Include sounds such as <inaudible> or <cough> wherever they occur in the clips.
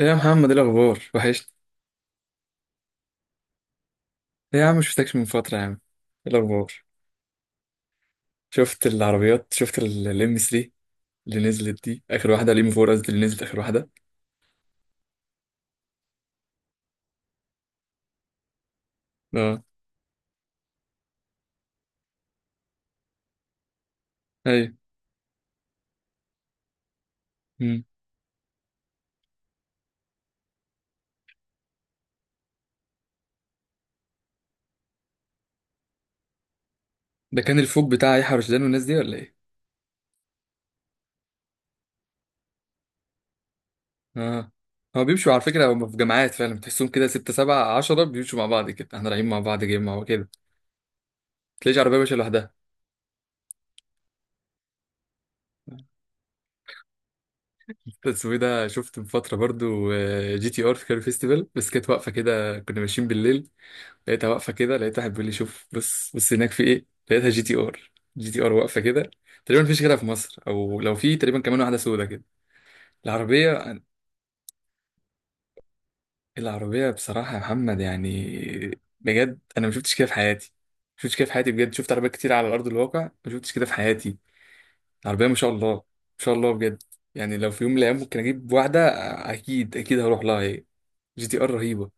إيه يا محمد، ايه الاخبار؟ وحشت. ايه يا عم، شفتكش من فتره يا عم. ايه الاخبار؟ شفت العربيات؟ شفت الام 3 اللي نزلت دي، اخر واحده، الام 4 قصدي، اللي نزلت اخر واحده. اه. ايوه. مم. ده كان الفوق بتاع يحيى رشدان والناس دي ولا ايه؟ اه. هو بيمشوا على فكره، هم في جماعات فعلا، تحسهم كده 6 7 10 بيمشوا مع بعض كده، احنا رايحين مع بعض جيم مع بعض كده. تلاقيش عربيه ماشيه لوحدها. اسمه إيه ده؟ شفت من فتره برضو جي تي ار في كاري فيستيفال، بس كانت واقفه كده، كنا ماشيين بالليل. لقيتها واقفه كده، لقيت واحد بيقول لي شوف، بص بص هناك في ايه، لقيتها جي تي ار. جي تي ار واقفه كده. تقريبا مفيش غيرها في مصر، او لو في تقريبا كمان واحده سودا كده. العربيه، العربيه بصراحه يا محمد يعني، بجد انا ما شفتش كده في حياتي. ما شفتش كده في حياتي بجد، شفت عربيات كتير على ارض الواقع، ما شفتش كده في حياتي. العربيه ما شاء الله، ما شاء الله بجد. يعني لو في يوم من الايام ممكن اجيب واحده، اكيد اكيد هروح لها هي. جي تي ار رهيبه.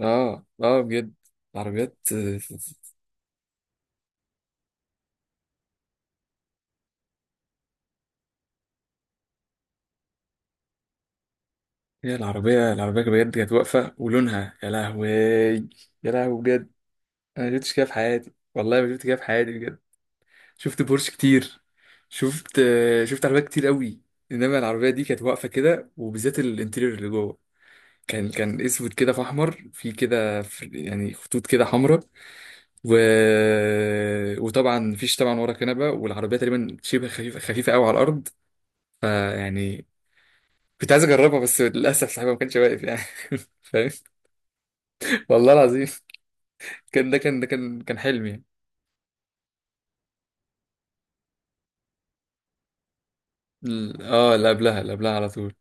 اه اه بجد. العربيات. هي العربية، العربية بجد كانت واقفة، ولونها يا لهوي، يا لهوي بجد. أنا ما شفتش كده في حياتي، والله ما شفت كده في حياتي بجد. شفت بورش كتير، شفت شفت عربيات كتير قوي. إنما العربية دي كانت واقفة كده، وبالذات الانتيريور اللي جوه كان اسود كده، في احمر، في كده، يعني خطوط كده حمراء. و... وطبعا مفيش طبعا ورا كنبه، والعربيه تقريبا شبه خفيفه، خفيفه قوي على الارض. فيعني كنت عايز اجربها، بس للاسف صاحبها ما كانش واقف يعني. <laughs> فاهم؟ والله العظيم كان ده كان ده كان كان حلمي. اللي قبلها، اللي قبلها على طول.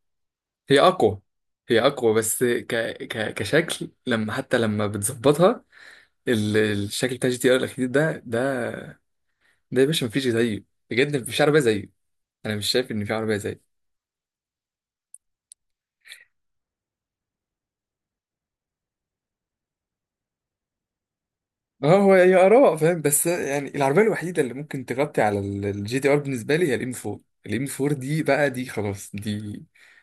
هي اقوى، هي اقوى بس ك ك كشكل لما حتى لما بتظبطها، الشكل بتاع جي تي ار الاخير ده، ده يا باشا مفيش زيه، بجد مفيش عربيه زيه، انا مش شايف ان في عربيه زيه. اه، هو هي اراء، فاهم؟ بس يعني العربيه الوحيده اللي ممكن تغطي على الجي تي ار بالنسبه لي هي الام 4. الام 4 دي بقى، دي خلاص، دي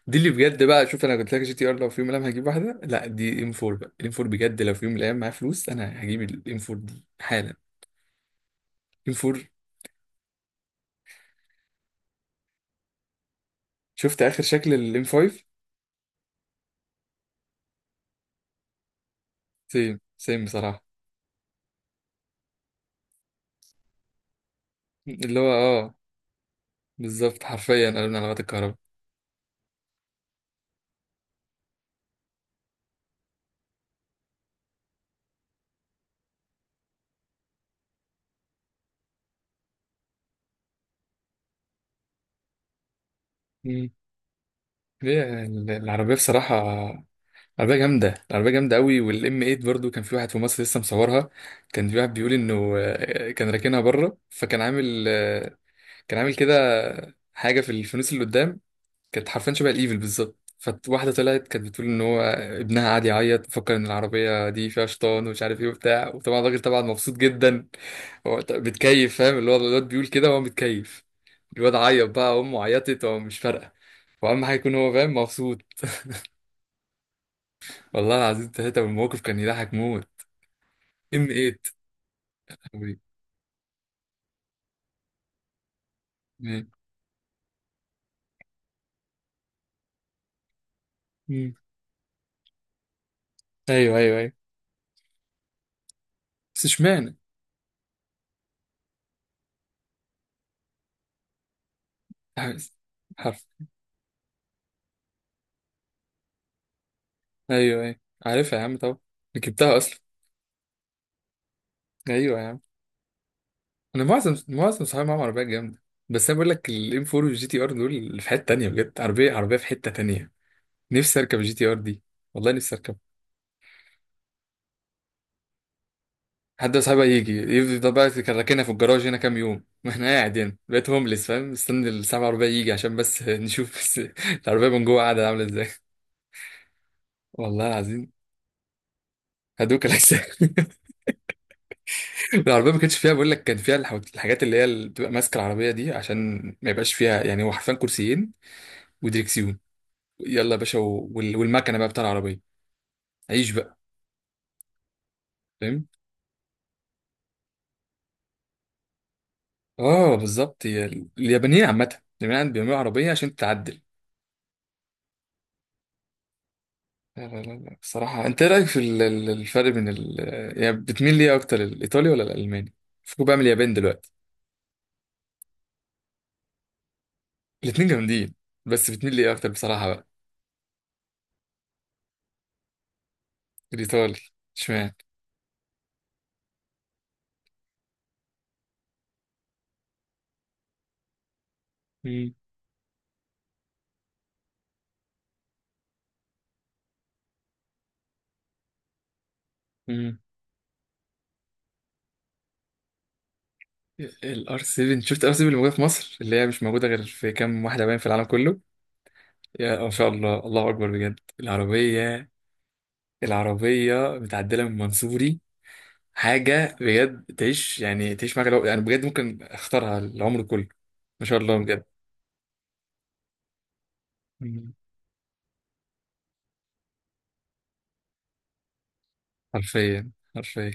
دي اللي بجد بقى. شوف، انا قلت لك جي تي ار لو في يوم من الايام هجيب واحده، لا، دي ام 4 بقى. الام 4 بجد، لو في يوم من الايام معايا فلوس انا هجيب الام 4 دي حالا. ام 4. شفت اخر شكل الام 5؟ سيم سيم بصراحه. اللي هو بالظبط، حرفيا قالوا لنا على الغطا الكهرباء. مم. هي العربيه بصراحه عربية جامدة، العربية جامدة قوي. والام 8 برضو، كان في واحد في مصر لسه مصورها، كان في واحد بيقول انه كان راكنها بره، فكان عامل كان عامل كده حاجة في الفانوس اللي قدام، كانت حرفيا شبه الايفل بالظبط. فواحدة طلعت كانت بتقول ان هو ابنها قاعد يعيط، فكر ان العربية دي فيها شيطان، ومش عارف ايه وبتاع، وطبعا الراجل طبعا مبسوط جدا. هو بيتكيف، فاهم؟ اللي هو الواد بيقول كده وهو متكيف، الواد عيط بقى، امه عيطت، هو مش فارقة، واهم حاجة يكون هو فاهم مبسوط. والله العظيم ثلاثة، والموقف كان يضحك موت. ام 8. أمريكا. مم. مم. أيوه أيوه أيوه. بس إشمعنى؟ عارف. عارف. أيوه أيوه، عارفها يا عم طبعا، ركبتها أصلا. أيوه يا عم. أنا معظم صحابي معاهم عربيات جامدة. بس أنا بقول لك، الام 4 والجي تي ار دول اللي في حتة تانية، بجد عربية، عربية في حتة تانية. نفسي أركب الجي تي ار دي، والله نفسي أركب. حد من صاحبي يجي يفضل بقى، كان راكنها في الجراج هنا كام يوم، <laughs> واحنا قاعد هنا بقيت هومليس فاهم، مستني الساعة العربية يجي عشان بس نشوف، بس <laughs> العربية من جوه قاعدة عاملة ازاي. <laughs> والله العظيم هدوك الأجسام. <laughs> العربية ما كانتش فيها، بقول لك كان فيها الحاجات اللي هي اللي بتبقى ماسكة العربية دي عشان ما يبقاش فيها يعني، هو حرفيا كرسيين ودريكسيون. يلا يا باشا والمكنة بقى بتاع العربية، عيش بقى. فاهم؟ اه بالظبط، هي اليابانيين عامة، اليابانيين بيعملوا عربية عشان تتعدل. لا لا لا لا، الصراحة، انت ايه رأيك في الفرق بين يعني بتميل ليه اكتر، الايطالي ولا الالماني؟ فكوا بقى من اليابان دلوقتي. الاتنين جامدين. بس بتميل ليه اكتر بصراحة بقى؟ الايطالي؟ اشمعنى؟ مم. الار 7، شفت الار 7 اللي موجوده في مصر، اللي هي مش موجوده غير في كام واحده باين في العالم كله؟ يا ما شاء الله، الله اكبر بجد العربيه. العربيه متعدله من منصوري، حاجه بجد تعيش يعني، تعيش معاك لو يعني، بجد ممكن اختارها العمر كله. ما شاء الله بجد. مم. حرفيا حرفيا.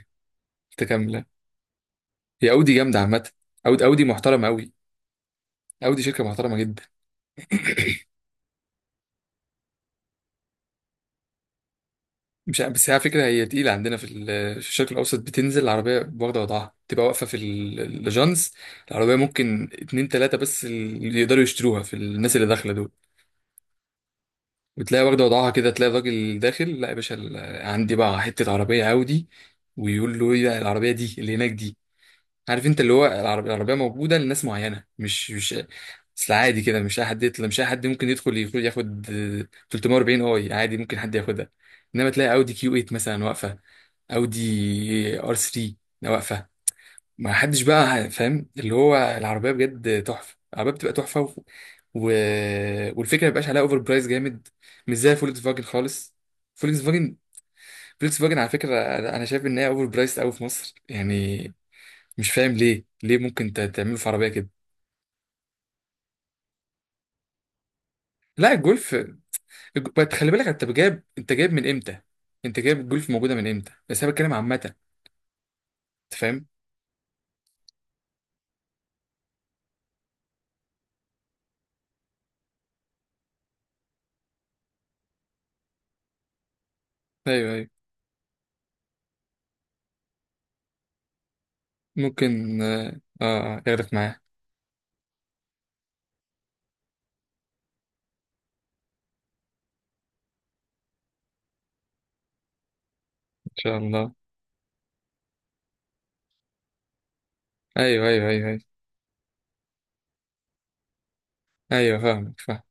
متكامله. هي اودي جامده عامه، اودي، اودي محترمه قوي، اودي شركه محترمه جدا. مش عارف- بس هي على فكرة، هي تقيلة عندنا في في الشرق الأوسط. بتنزل العربية واخدة وضعها، تبقى واقفة في الجانز. العربية ممكن اتنين تلاتة بس اللي يقدروا يشتروها في الناس اللي داخلة دول، وتلاقي واخدة وضعها كده، تلاقي الراجل داخل، لا يا باشا، عندي بقى حتة عربية عاودي، ويقول له ايه ده العربية دي اللي هناك دي؟ عارف انت، اللي هو العربيه موجوده لناس معينه، مش اصل عادي كده، مش اي حد يطلع، مش اي حد ممكن يدخل ياخد 340 اي عادي ممكن حد ياخدها. انما تلاقي اودي كيو 8 مثلا واقفه، اودي ار 3 واقفه، ما حدش بقى فاهم اللي هو العربيه بجد تحفه، العربيه بتبقى تحفه. و... والفكره ما بيبقاش عليها اوفر برايس جامد، مش زي فولكس فاجن خالص. فولكس فاجن، فولكس فاجن على فكره، انا شايف ان هي اوفر برايس قوي في مصر يعني، مش فاهم ليه، ليه ممكن تعمله في عربيه كده. لا، الجولف، بس خلي بالك، انت جايب من امتى، انت جايب الجولف موجوده من امتى؟ بس انا بتكلم عامه، انت فاهم. ايوه ايوه، ممكن ياخدك معاه. ان شاء الله. ايوه ايوه ايوه ايوه ايوه، فاهمك، فاهم.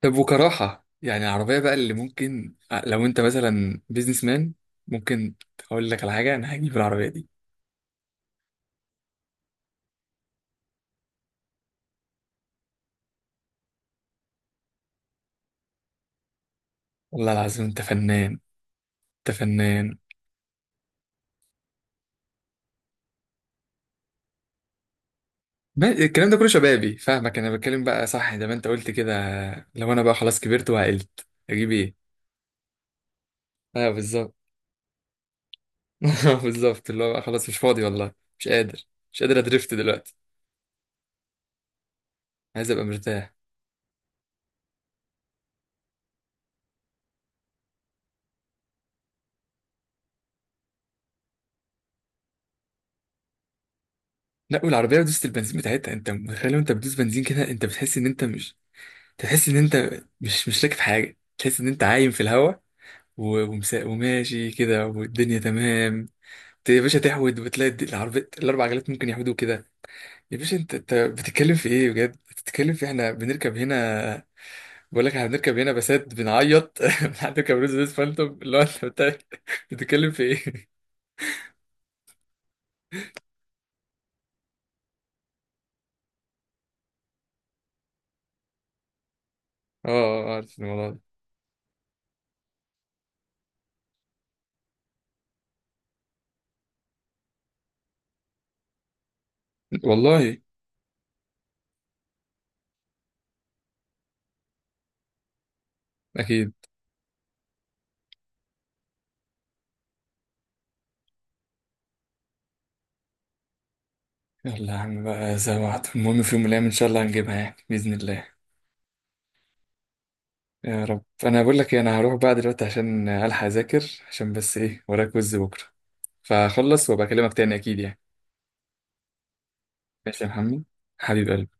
طب وكراحه يعني العربيه بقى اللي ممكن، لو انت مثلا بيزنس مان، ممكن اقول لك على حاجه، انا هجيب العربيه دي. والله العظيم انت فنان، انت فنان. الكلام ده كله شبابي فاهمك، انا بتكلم بقى صح زي ما انت قلت كده. لو انا بقى خلاص كبرت وعقلت، اجيب ايه؟ اه بالظبط، <laughs> بالظبط اللي هو بقى خلاص مش فاضي والله، مش قادر، مش قادر ادريفت دلوقتي، عايز ابقى مرتاح. لا، والعربيه دوست البنزين بتاعتها انت متخيل؟ وانت بتدوس بنزين كده، انت بتحس ان انت مش، تحس ان انت مش راكب حاجه، تحس ان انت عايم في الهواء، وماشي كده، والدنيا تمام. يا باشا تحود وتلاقي العربية الأربع عجلات ممكن يحودوا كده. يا باشا انت بتتكلم في ايه بجد؟ بتتكلم في احنا بنركب هنا؟ بقول لك احنا بنركب هنا بسات بنعيط، <laughs> بنركب روز بس فانتوم، اللي هو انت بتتكلم في ايه؟ <laughs> اه اه اه، عارف الموضوع ده. والله اكيد. يلا يا عم بقى زي ما وعد. المهم في يوم من الايام ان شاء الله هنجيبها يعني باذن الله. يا رب. انا بقول لك ايه، انا هروح بقى دلوقتي عشان الحق اذاكر، عشان بس ايه، ورايا كويز بكره، فخلص وابقى اكلمك تاني اكيد يعني. ماشي يا محمد، حبيبي.